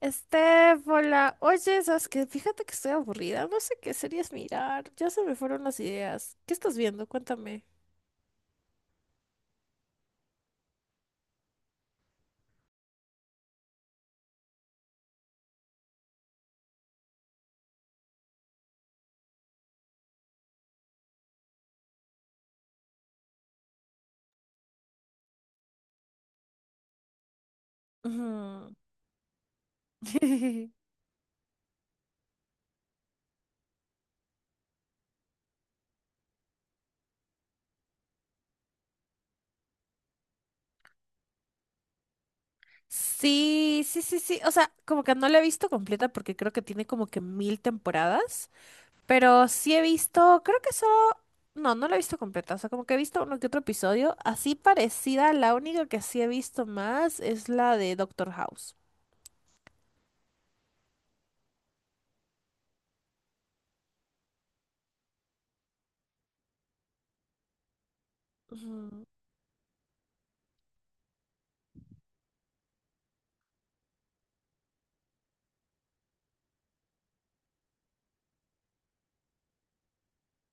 Estéfola, oye, sabes que fíjate que estoy aburrida, no sé qué series mirar, ya se me fueron las ideas. ¿Qué estás viendo? Cuéntame. Ujú. Sí, sí, sí, sí. O sea, como que no la he visto completa porque creo que tiene como que mil temporadas. Pero sí he visto, creo que solo. No, no la he visto completa. O sea, como que he visto uno que otro episodio. Así parecida, la única que sí he visto más es la de Doctor House. Ujú,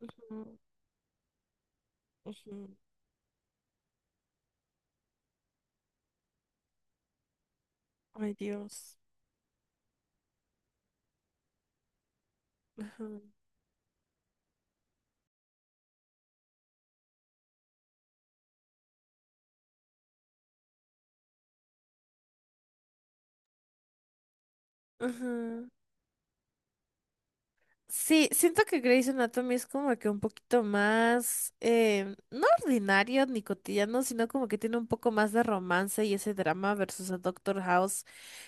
ujú, ujú. Ay, Dios. Ujú. Sí, siento que Grey's Anatomy es como que un poquito más, no ordinario ni cotidiano, sino como que tiene un poco más de romance y ese drama versus a Doctor House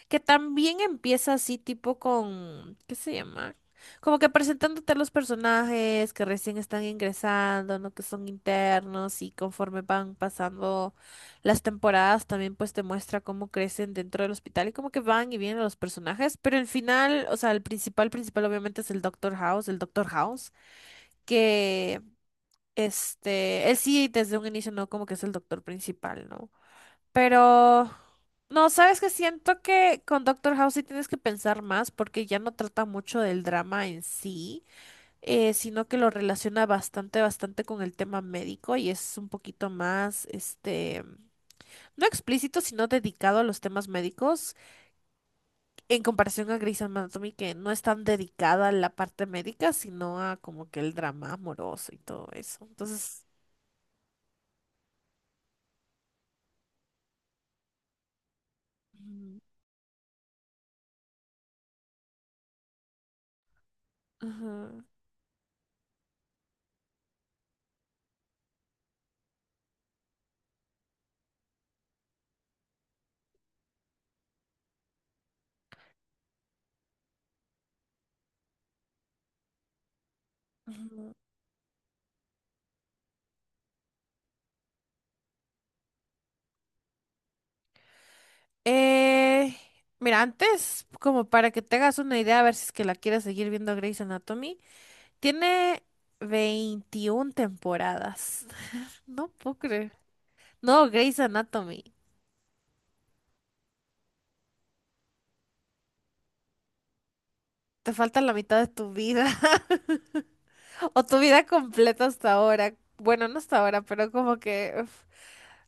que también empieza así tipo con, ¿qué se llama? Como que presentándote a los personajes que recién están ingresando, ¿no? Que son internos y conforme van pasando las temporadas también pues te muestra cómo crecen dentro del hospital y como que van y vienen los personajes. Pero el final, o sea, el principal, principal obviamente es el Doctor House, que este, él sí desde un inicio no como que es el doctor principal, ¿no? Pero no, sabes que siento que con Doctor House sí tienes que pensar más porque ya no trata mucho del drama en sí, sino que lo relaciona bastante, bastante con el tema médico y es un poquito más, este, no explícito, sino dedicado a los temas médicos en comparación a Grey's Anatomy, que no es tan dedicada a la parte médica, sino a como que el drama amoroso y todo eso. Entonces, ujú, ujú, ujú. Eh, Mira, antes, como para que te hagas una idea, a ver si es que la quieres seguir viendo Grey's Anatomy, tiene 21 temporadas. No puedo creer. No, Grey's Anatomy. Te falta la mitad de tu vida. O tu vida completa hasta ahora. Bueno, no hasta ahora, pero como que uf,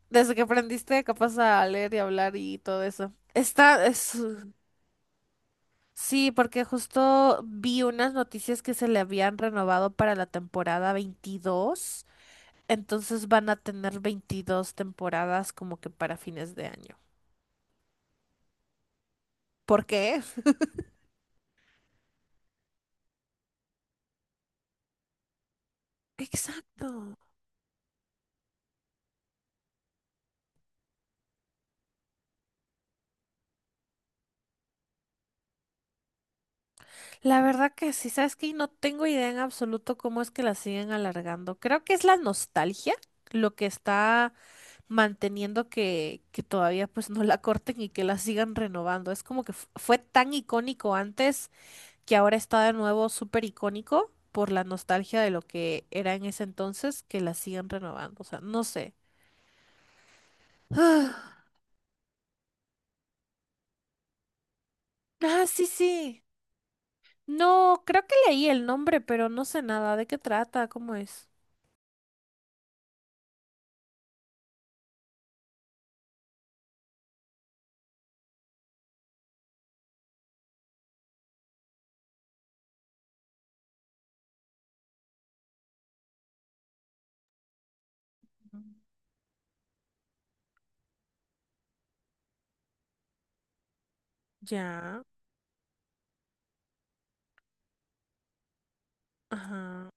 desde que aprendiste capaz a leer y hablar y todo eso. Está, es, sí, porque justo vi unas noticias que se le habían renovado para la temporada 22, entonces van a tener 22 temporadas como que para fines de año. ¿Por qué? Exacto. La verdad que sí, sabes que no tengo idea en absoluto cómo es que la siguen alargando. Creo que es la nostalgia lo que está manteniendo que todavía pues no la corten y que la sigan renovando. Es como que fue tan icónico antes que ahora está de nuevo súper icónico por la nostalgia de lo que era en ese entonces, que la siguen renovando. O sea, no sé. Ah, ah, sí, sí. No, creo que leí el nombre, pero no sé nada. ¿De qué trata? ¿Cómo es? Ya. Ajá.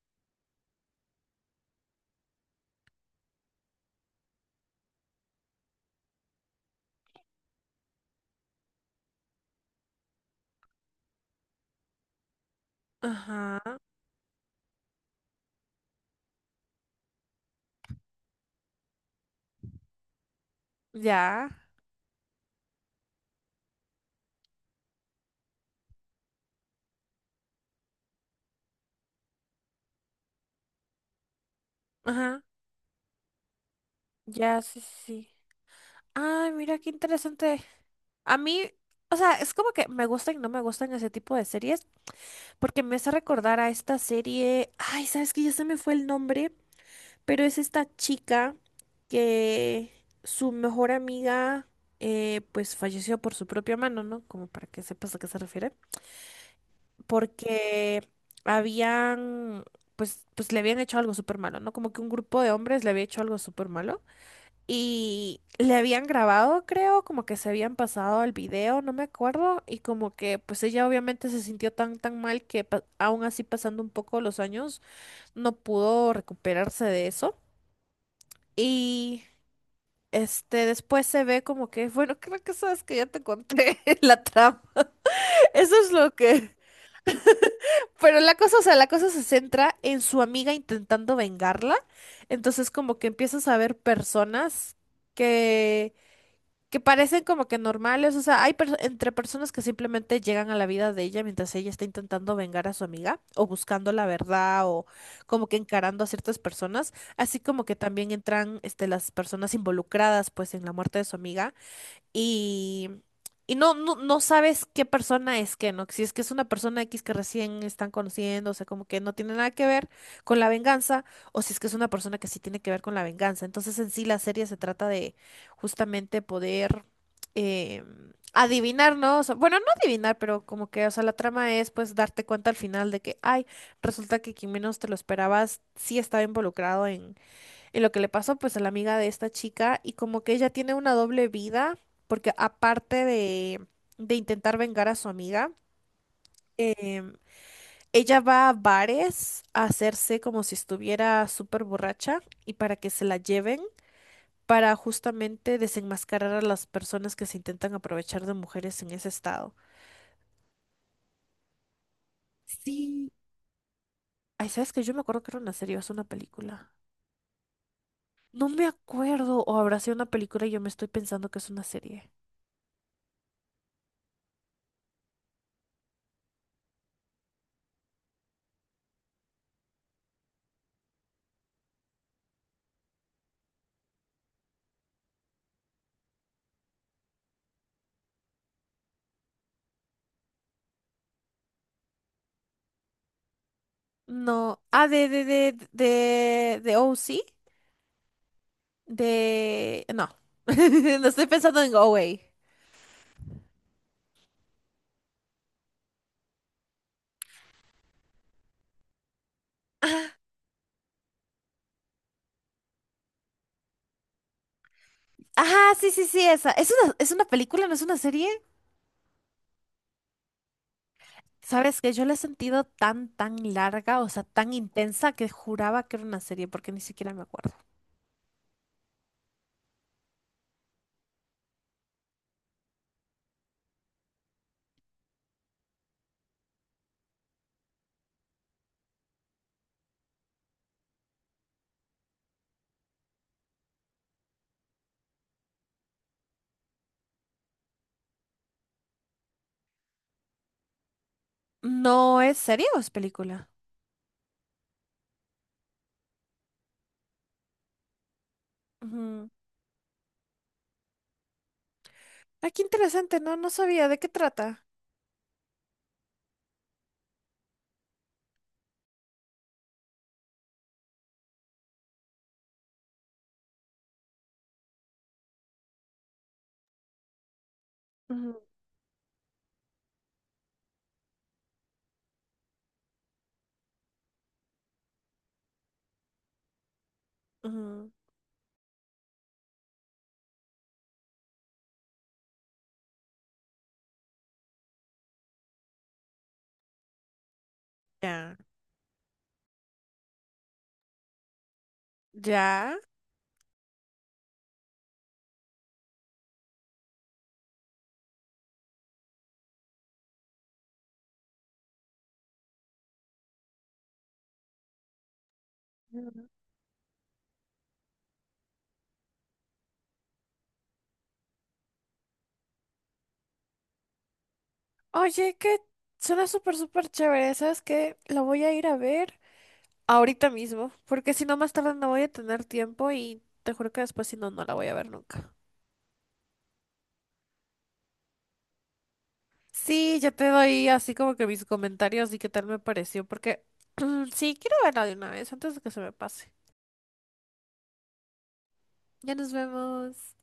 Ajá. Ya. Ajá. Ya, sí, sí, sí. Ay, mira qué interesante. A mí, o sea, es como que me gustan y no me gustan ese tipo de series, porque me hace recordar a esta serie. Ay, sabes que ya se me fue el nombre. Pero es esta chica que su mejor amiga pues falleció por su propia mano, ¿no? Como para que sepas a qué se refiere. Porque habían, pues le habían hecho algo súper malo, ¿no? Como que un grupo de hombres le había hecho algo súper malo. Y le habían grabado, creo, como que se habían pasado el video, no me acuerdo. Y como que pues ella obviamente se sintió tan, tan mal que aún así pasando un poco los años no pudo recuperarse de eso. Y este, después se ve como que, bueno, creo que sabes que ya te conté la trama. Eso es lo que... Pero la cosa, o sea, la cosa se centra en su amiga intentando vengarla. Entonces como que empiezas a ver personas que, que parecen como que normales. O sea, hay entre personas que simplemente llegan a la vida de ella mientras ella está intentando vengar a su amiga o buscando la verdad o como que encarando a ciertas personas. Así como que también entran este, las personas involucradas pues en la muerte de su amiga y, y no, no, no sabes qué persona es que, ¿no? Si es que es una persona X que recién están conociendo, o sea, como que no tiene nada que ver con la venganza, o si es que es una persona que sí tiene que ver con la venganza. Entonces, en sí, la serie se trata de justamente poder eh, adivinar, ¿no? O sea, bueno, no adivinar, pero como que, o sea, la trama es pues darte cuenta al final de que, ay, resulta que quien menos te lo esperabas sí estaba involucrado y lo que le pasó pues a la amiga de esta chica y como que ella tiene una doble vida porque aparte de intentar vengar a su amiga, em, ella va a bares a hacerse como si estuviera súper borracha y para que se la lleven para justamente desenmascarar a las personas que se intentan aprovechar de mujeres en ese estado. Sí, ay, sabes que yo me acuerdo que era una serie o es una película. No me acuerdo, o habrá sido una película y yo me estoy pensando que es una serie. No. Ah, de O C, de. No. No estoy pensando en OA. Ajá, sí, sí, sí, esa. Es una película, no es una serie. Sabes que yo la he sentido tan, tan larga, o sea, tan intensa que juraba que era una serie porque ni siquiera me acuerdo. ¿No es serie o es película? Ujú. Ah, qué interesante, no, no sabía de qué trata. Ujú, ujú. Ya. Ya. Ujú. Oye, que suena súper, súper chévere. ¿Sabes qué? La voy a ir a ver. Ahorita mismo, porque si no más tarde no voy a tener tiempo y te juro que después si no, no la voy a ver nunca. Sí, yo te doy así como que mis comentarios y qué tal me pareció, porque sí, quiero verla de una vez antes de que se me pase. Ya nos vemos.